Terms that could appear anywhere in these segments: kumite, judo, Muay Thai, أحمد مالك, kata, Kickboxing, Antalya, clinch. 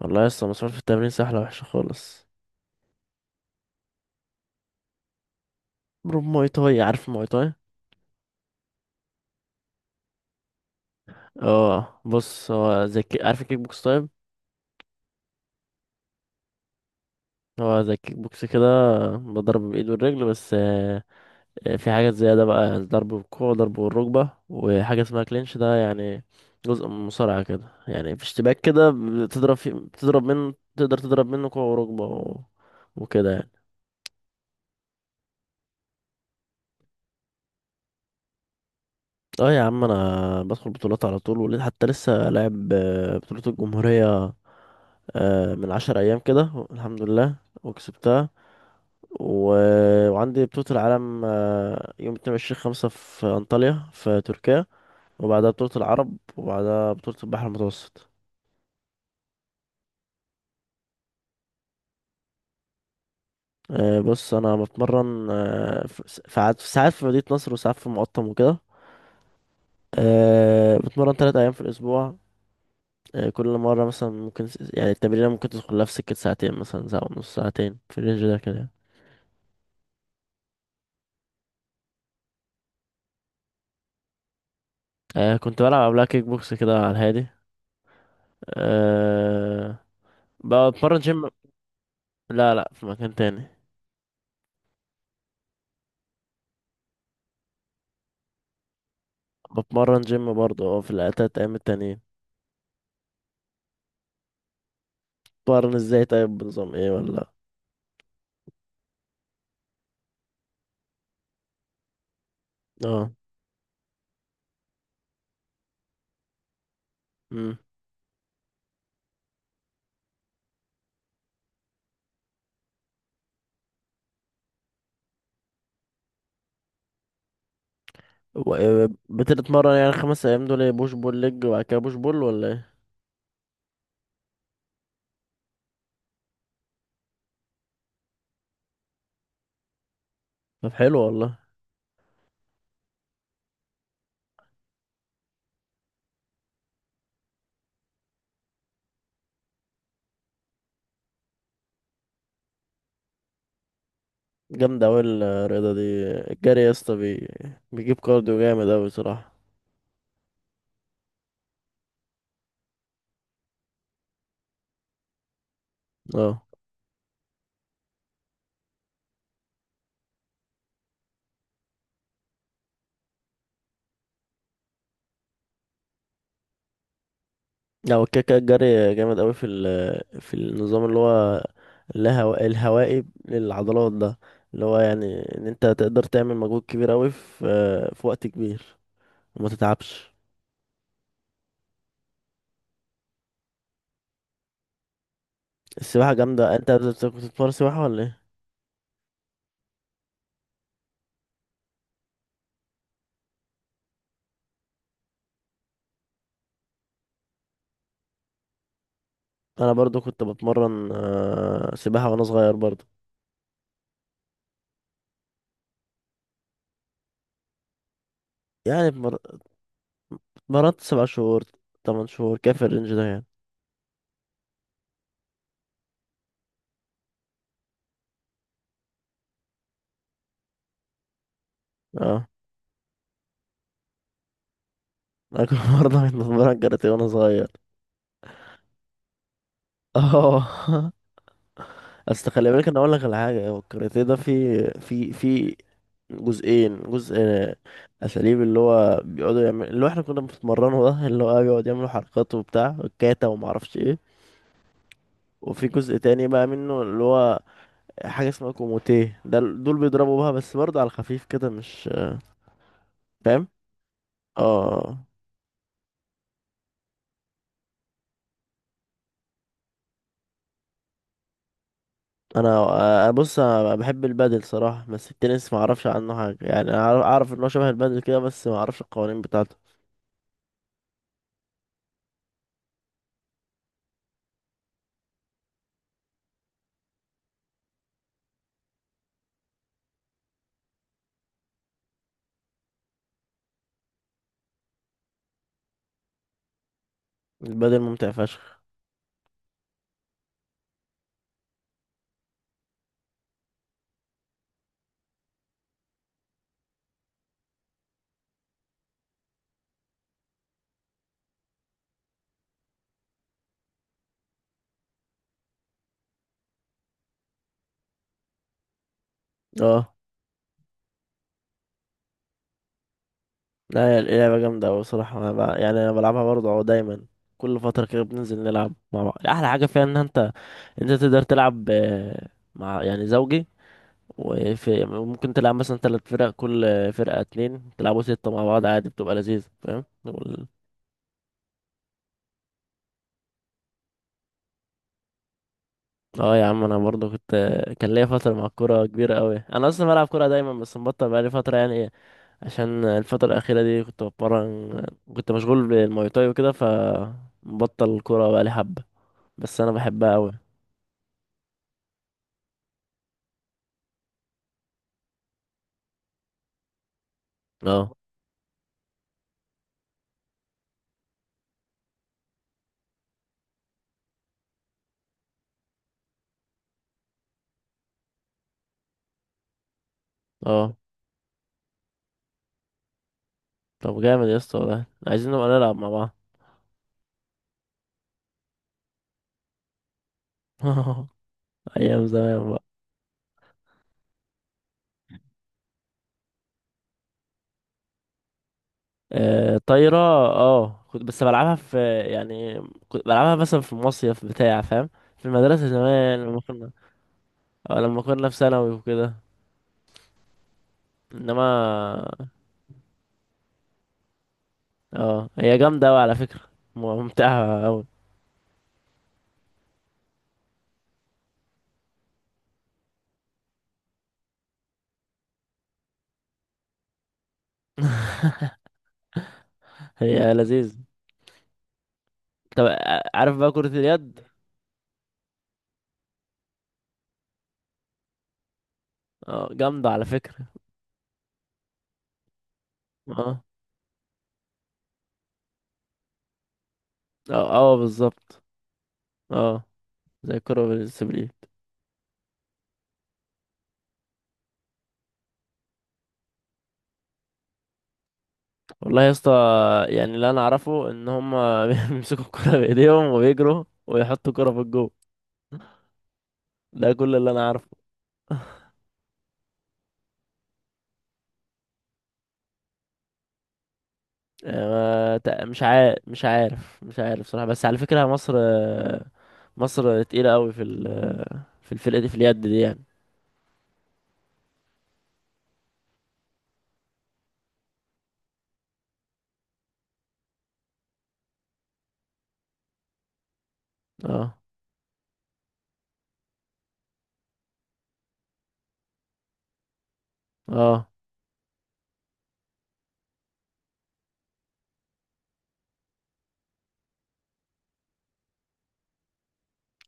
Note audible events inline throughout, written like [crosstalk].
والله يا اسطى، مسحول في التمرين سهلة وحشة خالص. بروب موي تاي، عارف الموي تاي؟ اه، بص، هو زي عارف الكيك بوكس؟ طيب، هو زي الكيك بوكس كده. بضرب بالايد والرجل بس. في حاجات زيادة بقى، يعني ضرب بالكوع وضرب بالركبة، وحاجة اسمها كلينش. ده يعني جزء من المصارعة كده، يعني في اشتباك كده بتضرب فيه، بتضرب منه، تقدر تضرب منه كوع وركبة وكده يعني. اه يا عم، انا بدخل بطولات على طول، وليه حتى لسه لاعب بطولة الجمهورية من 10 أيام كده، الحمد لله. وكسبتها و... وعندي بطولة العالم يوم 22/5 في أنطاليا في تركيا، وبعدها بطولة العرب، وبعدها بطولة البحر المتوسط. بص، أنا بتمرن في ساعات، ساعات في مدينة نصر، وساعات في المقطم وكده. بتمرن 3 أيام في الأسبوع. كل مرة مثلا ممكن يعني التمرينة ممكن تدخل لها في سكة ساعتين، مثلا ساعة ونص، ساعتين في الرينج ده كده يعني. كنت بلعب قبلها كيك بوكس كده على الهادي. أه. بتمرن جيم. لا لا، في مكان تاني. بتمرن جيم برضه، اه، في التلات ايام التانيين. بتمرن ازاي؟ طيب بنظام ايه ولا؟ اه. امم. بتتمرن يعني 5 ايام دول ايه، بوش بول ليج، وبعد كده بوش بول ولا ايه؟ طب حلو والله. جامدة اوي الرياضة دي. الجري يا اسطى بيجيب كارديو جامد اوي، بصراحة. اه. لا، هو كده كده الجري جامد قوي في النظام اللي هو الهوائي للعضلات ده، اللي هو يعني ان انت تقدر تعمل مجهود كبير قوي في وقت كبير، وما تتعبش. السباحة جامدة. انت كنت بتتمرن سباحة ولا ايه؟ انا برضو كنت بتمرن سباحة وانا صغير برضو. يعني اتمر- اتمرنت 7 شهور، 8 شهور، كيف الرينج ده يعني. اه، انا كنت [laughs] برضه بتمرن كاراتيه وانا صغير. اه [laughs] اصل خلي بالك، انا اقول لك على حاجه. هو الكاراتيه ده في جزئين. جزء اساليب، اللي هو بيقعدوا يعمل، اللي هو احنا كنا بنتمرنه ده، اللي هو بيقعد يعملوا حركات وبتاع، كاتا وما اعرفش ايه. وفي جزء تاني بقى منه، اللي هو حاجه اسمها كوموتيه. دول بيضربوا بها بس برضه على الخفيف كده، مش فاهم. اه. انا أنا بص، انا بحب البادل صراحه. بس التنس ما اعرفش عنه حاجه يعني. أنا اعرف إن هو شبه البادل كده بس ما اعرفش القوانين بتاعته. البادل ممتع فشخ. اه. لا، هي اللعبة جامدة أوي صراحة. يعني أنا بلعبها برضه أهو، دايما كل فترة كده بننزل نلعب مع بعض. أحلى حاجة فيها إن أنت تقدر تلعب مع يعني زوجي. وفي ممكن تلعب مثلا 3 فرق، كل فرقة اتنين، تلعبوا 6 مع بعض عادي، بتبقى لذيذة فاهم. اه يا عم، انا برضه كنت [laughs] كان ليا فترة مع الكورة كبيرة قوي. انا اصلا بلعب كورة دايما بس مبطل بقالي فترة يعني، ايه عشان الفترة الأخيرة دي كنت بتمرن. كنت مشغول بالمواي تاي وكده، فمبطل الكورة بقالي حبة، بس انا بحبها قوي. اه. اه. طب جامد يا اسطى والله، عايزين نبقى نلعب مع بعض. [laughs] ايام زمان بقى. آه طايرة؟ اه، كنت بس بلعبها في يعني، كنت بلعبها مثلا في مصيف بتاع فاهم، في المدرسة زمان لما كنا. اه، لما كنا في ثانوي وكده، انما. اه، هي جامدة اوي على فكرة، ممتعة اوي. هي لذيذ. طب عارف بقى كرة اليد؟ اه جامدة على فكرة. اه اه، اه بالظبط. اه. زي الكرة بالسبليل. والله يا اسطى، يعني اللي انا اعرفه ان هم [laughs] بيمسكوا الكرة بايديهم وبيجروا ويحطوا الكرة في الجو. ده كل اللي انا اعرفه. ما تق- مش عارف مش عارف مش عارف صراحة. بس على فكرة مصر، مصر تقيلة قوي في الفرقة دي في اليد دي يعني. اه. اه.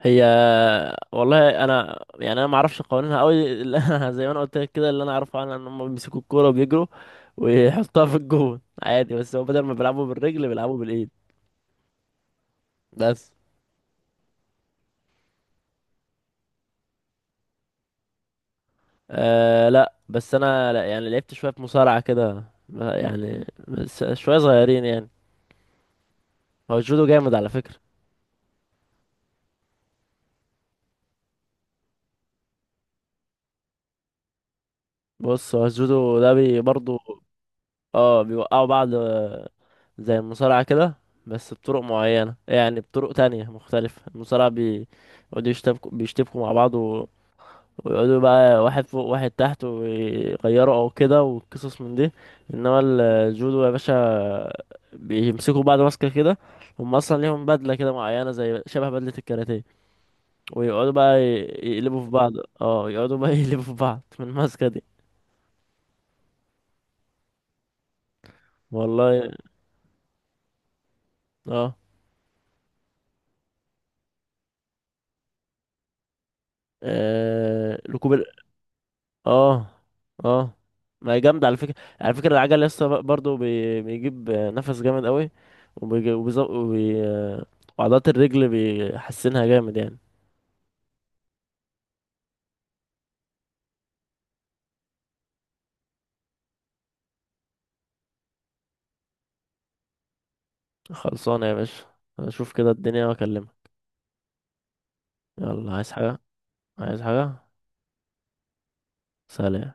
هي، والله انا يعني انا ما اعرفش قوانينها قوي [laughs] زي ما انا قلت لك كده، اللي انا اعرفه عنها ان هم بيمسكوا الكوره وبيجروا ويحطوها في الجون عادي، بس هو بدل ما بيلعبوا بالرجل بيلعبوا بالايد، بس. أه، لا، بس انا لا يعني، لعبت شويه في مصارعه كده، يعني بس شويه صغيرين يعني. هو الجودو جامد على فكره. بص، هو الجودو ده برضو، اه، بيوقعوا بعض زي المصارعه كده، بس بطرق معينه يعني، بطرق تانية مختلفه. المصارعه بيقعدوا يشتبكوا، بيشتبكوا مع بعض ويقعدوا بقى واحد فوق واحد تحت ويغيروا او كده، وقصص من دي. انما الجودو يا باشا، بيمسكوا بعض ماسكه كده، هم اصلا ليهم بدله كده معينه زي شبه بدله الكاراتيه، ويقعدوا بقى يقلبوا في بعض. اه، يقعدوا بقى [laughs] يقلبوا في بعض من الماسكه دي. والله. اه. ركوب؟ اه. اه. ما هي جامدة على فكرة. على فكرة العجل لسه برضه بيجيب نفس جامد قوي. وبيجي... وبيز... وبي... وعضلات الرجل بيحسنها جامد يعني. خلصانة يا باشا، اشوف كده الدنيا واكلمك. يلا عايز حاجة؟ عايز حاجة؟ سلام.